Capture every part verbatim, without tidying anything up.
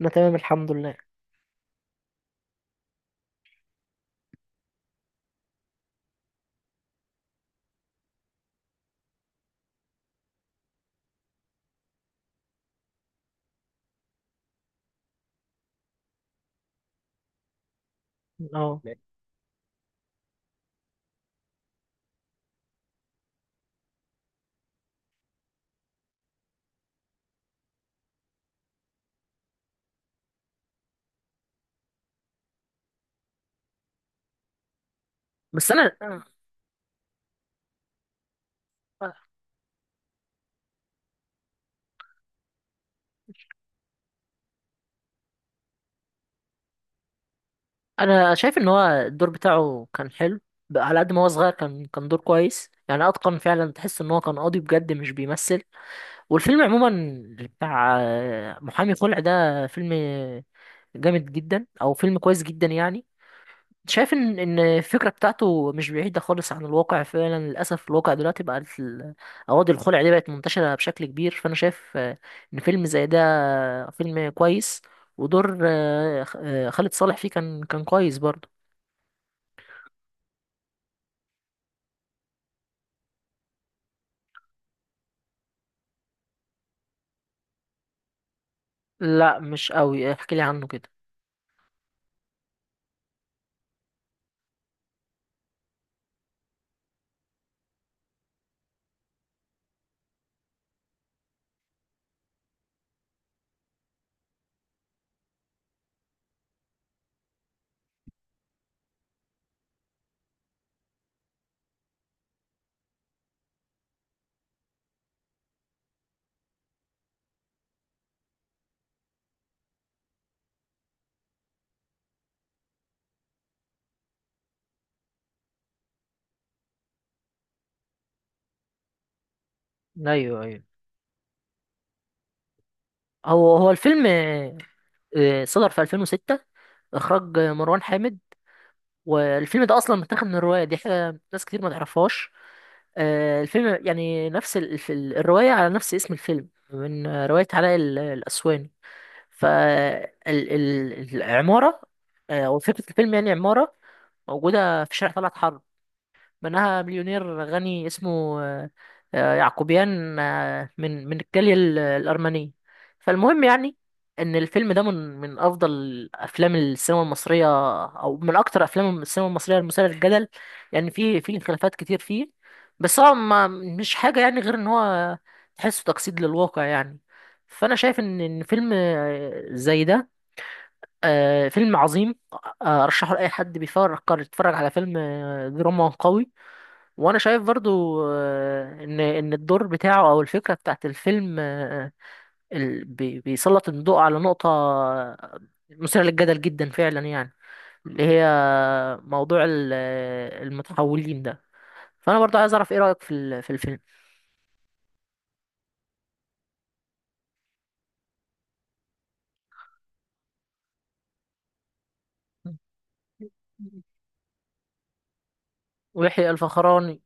انا تمام الحمد لله. اه لا. بس انا انا شايف ان هو الدور بتاعه كان حلو، بقى على قد ما هو صغير كان كان دور كويس، يعني اتقن فعلا، تحس ان هو كان قاضي بجد مش بيمثل. والفيلم عموما بتاع آه، محامي خلع ده فيلم جامد جدا، او فيلم كويس جدا يعني. شايف ان ان الفكره بتاعته مش بعيده خالص عن الواقع، فعلا للاسف الواقع دلوقتي بقى ال- قواضي الخلع دي بقت منتشره بشكل كبير، فانا شايف آه، ان فيلم زي ده فيلم كويس، ودور آه، خ- آه، خالد صالح فيه كان كان كويس برضه. لا، مش قوي، احكي لي عنه كده. ايوه ايوه، هو هو الفيلم آه، آه، صدر في ألفين وستة، اخراج آه، مروان حامد. والفيلم ده اصلا متاخد من الروايه دي، حاجه ناس كتير ما تعرفهاش. آه، الفيلم يعني نفس ال- الف- الروايه على نفس اسم الفيلم، من آه، روايه علاء ال- الاسواني. فالعماره او فكره الفيلم يعني عماره موجوده في شارع طلعت حرب، بناها مليونير غني اسمه آه، آه، يعقوبيان، آه، من من الجالية ال- الأرمنية. فالمهم يعني إن الفيلم ده من من أفضل أفلام السينما المصرية، أو من أكتر أفلام السينما المصرية المثيرة للجدل، يعني في في خلافات كتير فيه، بس هو ما مش حاجة يعني غير إن هو تحسه تجسيد للواقع يعني. فأنا شايف إن إن فيلم آه، زي ده آه، فيلم عظيم، آه، أرشحه لأي حد بيفكر يتفرج على فيلم آه، دراما قوي. وانا شايف برضو آه، ان ان الدور بتاعه او الفكره بتاعت الفيلم آه، ال- بي- بيسلط الضوء على نقطه آه، مثيره للجدل جدا فعلا، يعني اللي هي موضوع ال- آه، المتحولين ده. فانا برضو عايز اعرف ايه رايك في ال- في الفيلم. ويحيى الفخراني.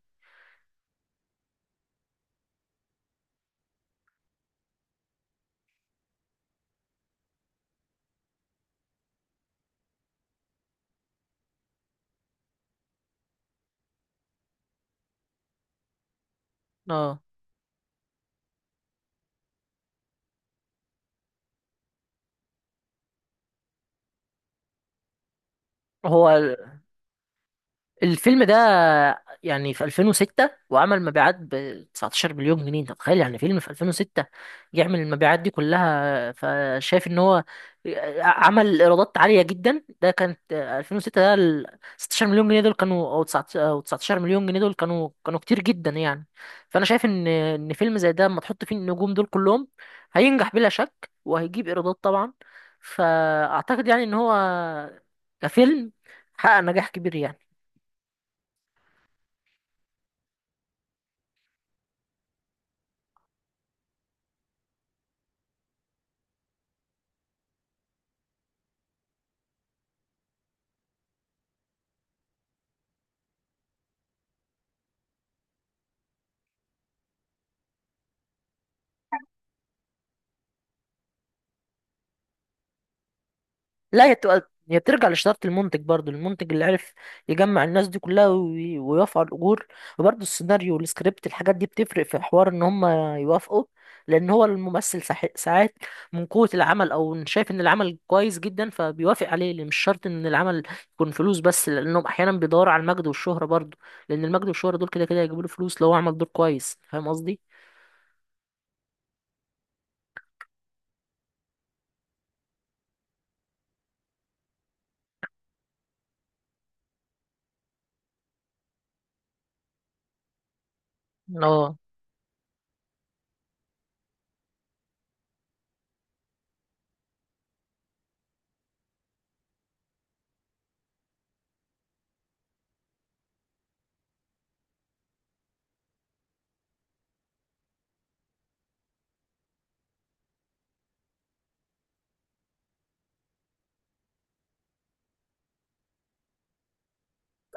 اه، هو الفيلم ده يعني في ألفين وستة وعمل مبيعات ب تسعة عشر مليون جنيه مليون جنيه، انت متخيل يعني فيلم في ألفين وستة يعمل المبيعات دي كلها؟ فشايف ان هو عمل ايرادات عاليه جدا، ده كانت ألفين وستة، ده ال 16 مليون جنيه دول كانوا، او تسعتاشر أو تسعة عشر مليون جنيه مليون جنيه دول، كانوا كانوا كتير جدا يعني. فانا شايف ان ان فيلم زي ده اما تحط فيه النجوم دول كلهم هينجح بلا شك، وهيجيب ايرادات طبعا، فاعتقد يعني ان هو كفيلم حقق نجاح كبير يعني. لا، هي بتبقى هي بترجع لشطارة المنتج، برضو المنتج اللي عرف يجمع الناس دي كلها وي- ويوافقوا على الأجور، وبرضو السيناريو والسكريبت الحاجات دي بتفرق في حوار إن هم يوافقوا، لأن هو الممثل ساح- ساعات من قوة العمل أو إن شايف إن العمل كويس جدا فبيوافق عليه، لأن مش شرط إن العمل يكون فلوس بس، لأنهم أحيانا بيدوروا على المجد والشهرة برضو، لأن المجد والشهرة دول كده كده هيجيبوا له فلوس لو هو عمل دور كويس، فاهم قصدي؟ اه،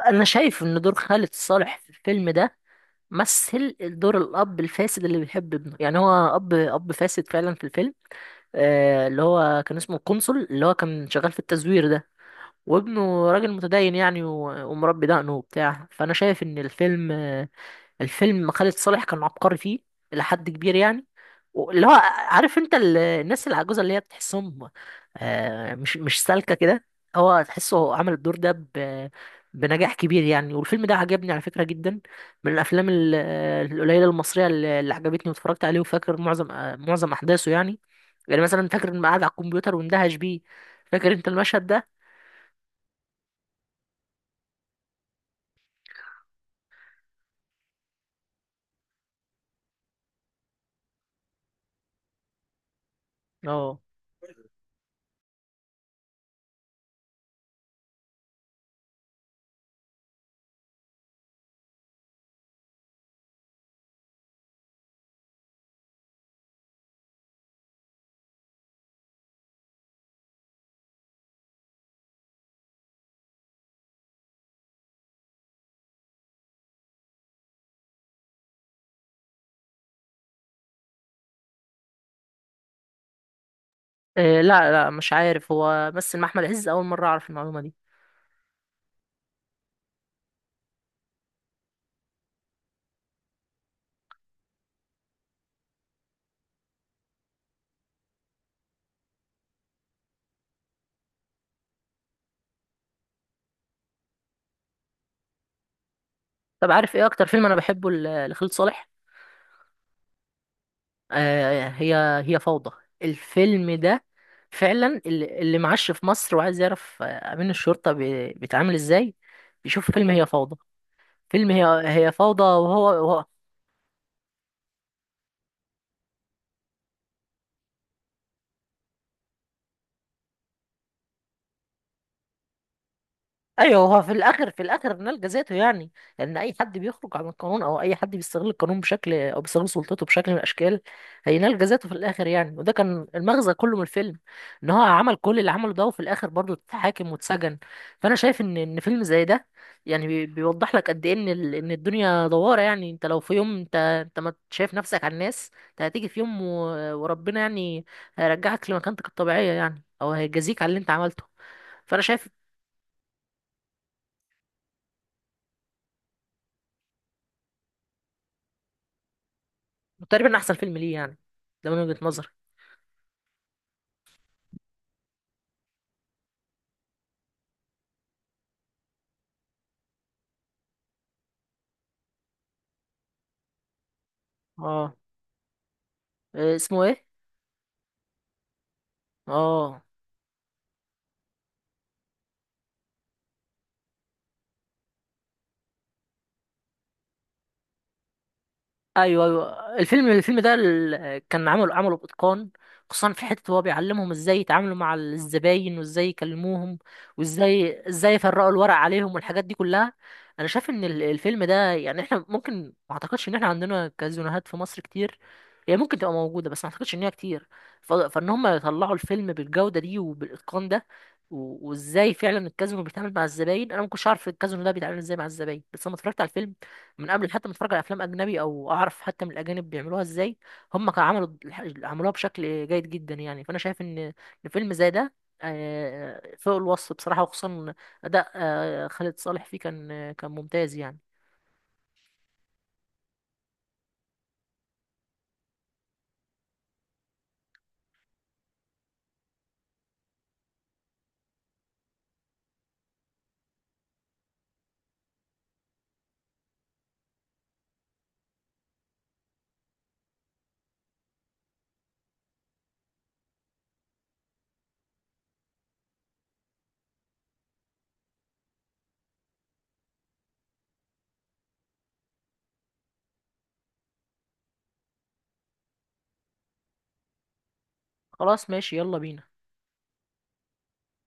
انا شايف ان دور خالد صالح في الفيلم ده مثل دور الاب الفاسد اللي بيحب ابنه، يعني هو اب اب فاسد فعلا في الفيلم. آه اللي هو كان اسمه القنصل، اللي هو كان شغال في التزوير ده، وابنه راجل متدين يعني و- ومربي دقنه وبتاع. فانا شايف ان الفيلم الفيلم خالد صالح كان عبقري فيه الى حد كبير يعني، اللي هو عارف انت ال- الناس العجوزه اللي هي بتحسهم آه، مش مش سالكه كده. هو تحسه هو عمل الدور ده ب- بنجاح كبير يعني، والفيلم ده عجبني على فكره جدا، من الافلام ال- القليله المصريه اللي اللي عجبتني واتفرجت عليه، وفاكر معظم آه، معظم احداثه يعني، يعني مثلا فاكر اني قاعد على الكمبيوتر واندهش بيه، فاكر انت المشهد ده؟ اه، إيه، لا لا مش عارف، هو بس مع احمد عز اول مره اعرف المعلومه دي. طب، عارف ايه اكتر فيلم انا بحبه ل- لخالد صالح؟ آه هي هي فوضى، الفيلم ده فعلا، اللي اللي معاش في مصر وعايز يعرف آه، امين الشرطه بي- بيتعامل ازاي بيشوف فيلم هي فوضى. فيلم هي هي فوضى، وهو, وهو ايوه، هو في الاخر في الاخر نلجا ذاته يعني، لان اي حد بيخرج عن القانون او اي حد بيستغل القانون بشكل، او بيستغل سلطته بشكل من الاشكال، هينلجا ذاته في الاخر يعني، وده كان المغزى كله من الفيلم، ان هو عمل كل اللي عمله ده وفي الاخر برضه اتحاكم واتسجن. فانا شايف ان ان فيلم زي ده يعني بي- بيوضح لك قد ايه ان ال- ان الدنيا دواره يعني، انت لو في يوم انت انت ما شايف نفسك على الناس، انت هتيجي في يوم و- وربنا يعني هيرجعك لمكانتك الطبيعيه يعني، او هيجازيك على اللي انت عملته. فانا شايف تقريبا احسن فيلم ليه يعني، ده من وجهة نظري. اه، إيه اسمه ايه؟ اه، ايوه ايوه، الفيلم الفيلم ده ال- كان عمله عمله باتقان، خصوصا في حته هو بيعلمهم ازاي يتعاملوا مع الزباين وازاي يكلموهم، وازاي ازاي يفرقوا الورق عليهم والحاجات دي كلها. انا شايف ان ال- الفيلم ده يعني احنا ممكن ما اعتقدش ان احنا عندنا كازينوهات في مصر كتير، هي ممكن تبقى موجوده بس ما اعتقدش ان هي كتير، ف- فان هم يطلعوا الفيلم بالجوده دي وبالاتقان ده، و- وازاي فعلا الكازينو بيتعامل مع الزباين، انا ما كنتش عارف الكازينو ده بيتعامل ازاي مع الزباين بس لما اتفرجت على الفيلم من قبل حتى ما اتفرج على افلام اجنبي او اعرف حتى من الاجانب بيعملوها ازاي، هم كانوا عملوا الح- عملوها بشكل جيد جدا يعني. فانا شايف ان ان فيلم زي ده آه، فوق الوصف بصراحة، وخصوصا اداء آه، خالد صالح فيه كان كان ممتاز يعني. خلاص، ماشي، يلا بينا.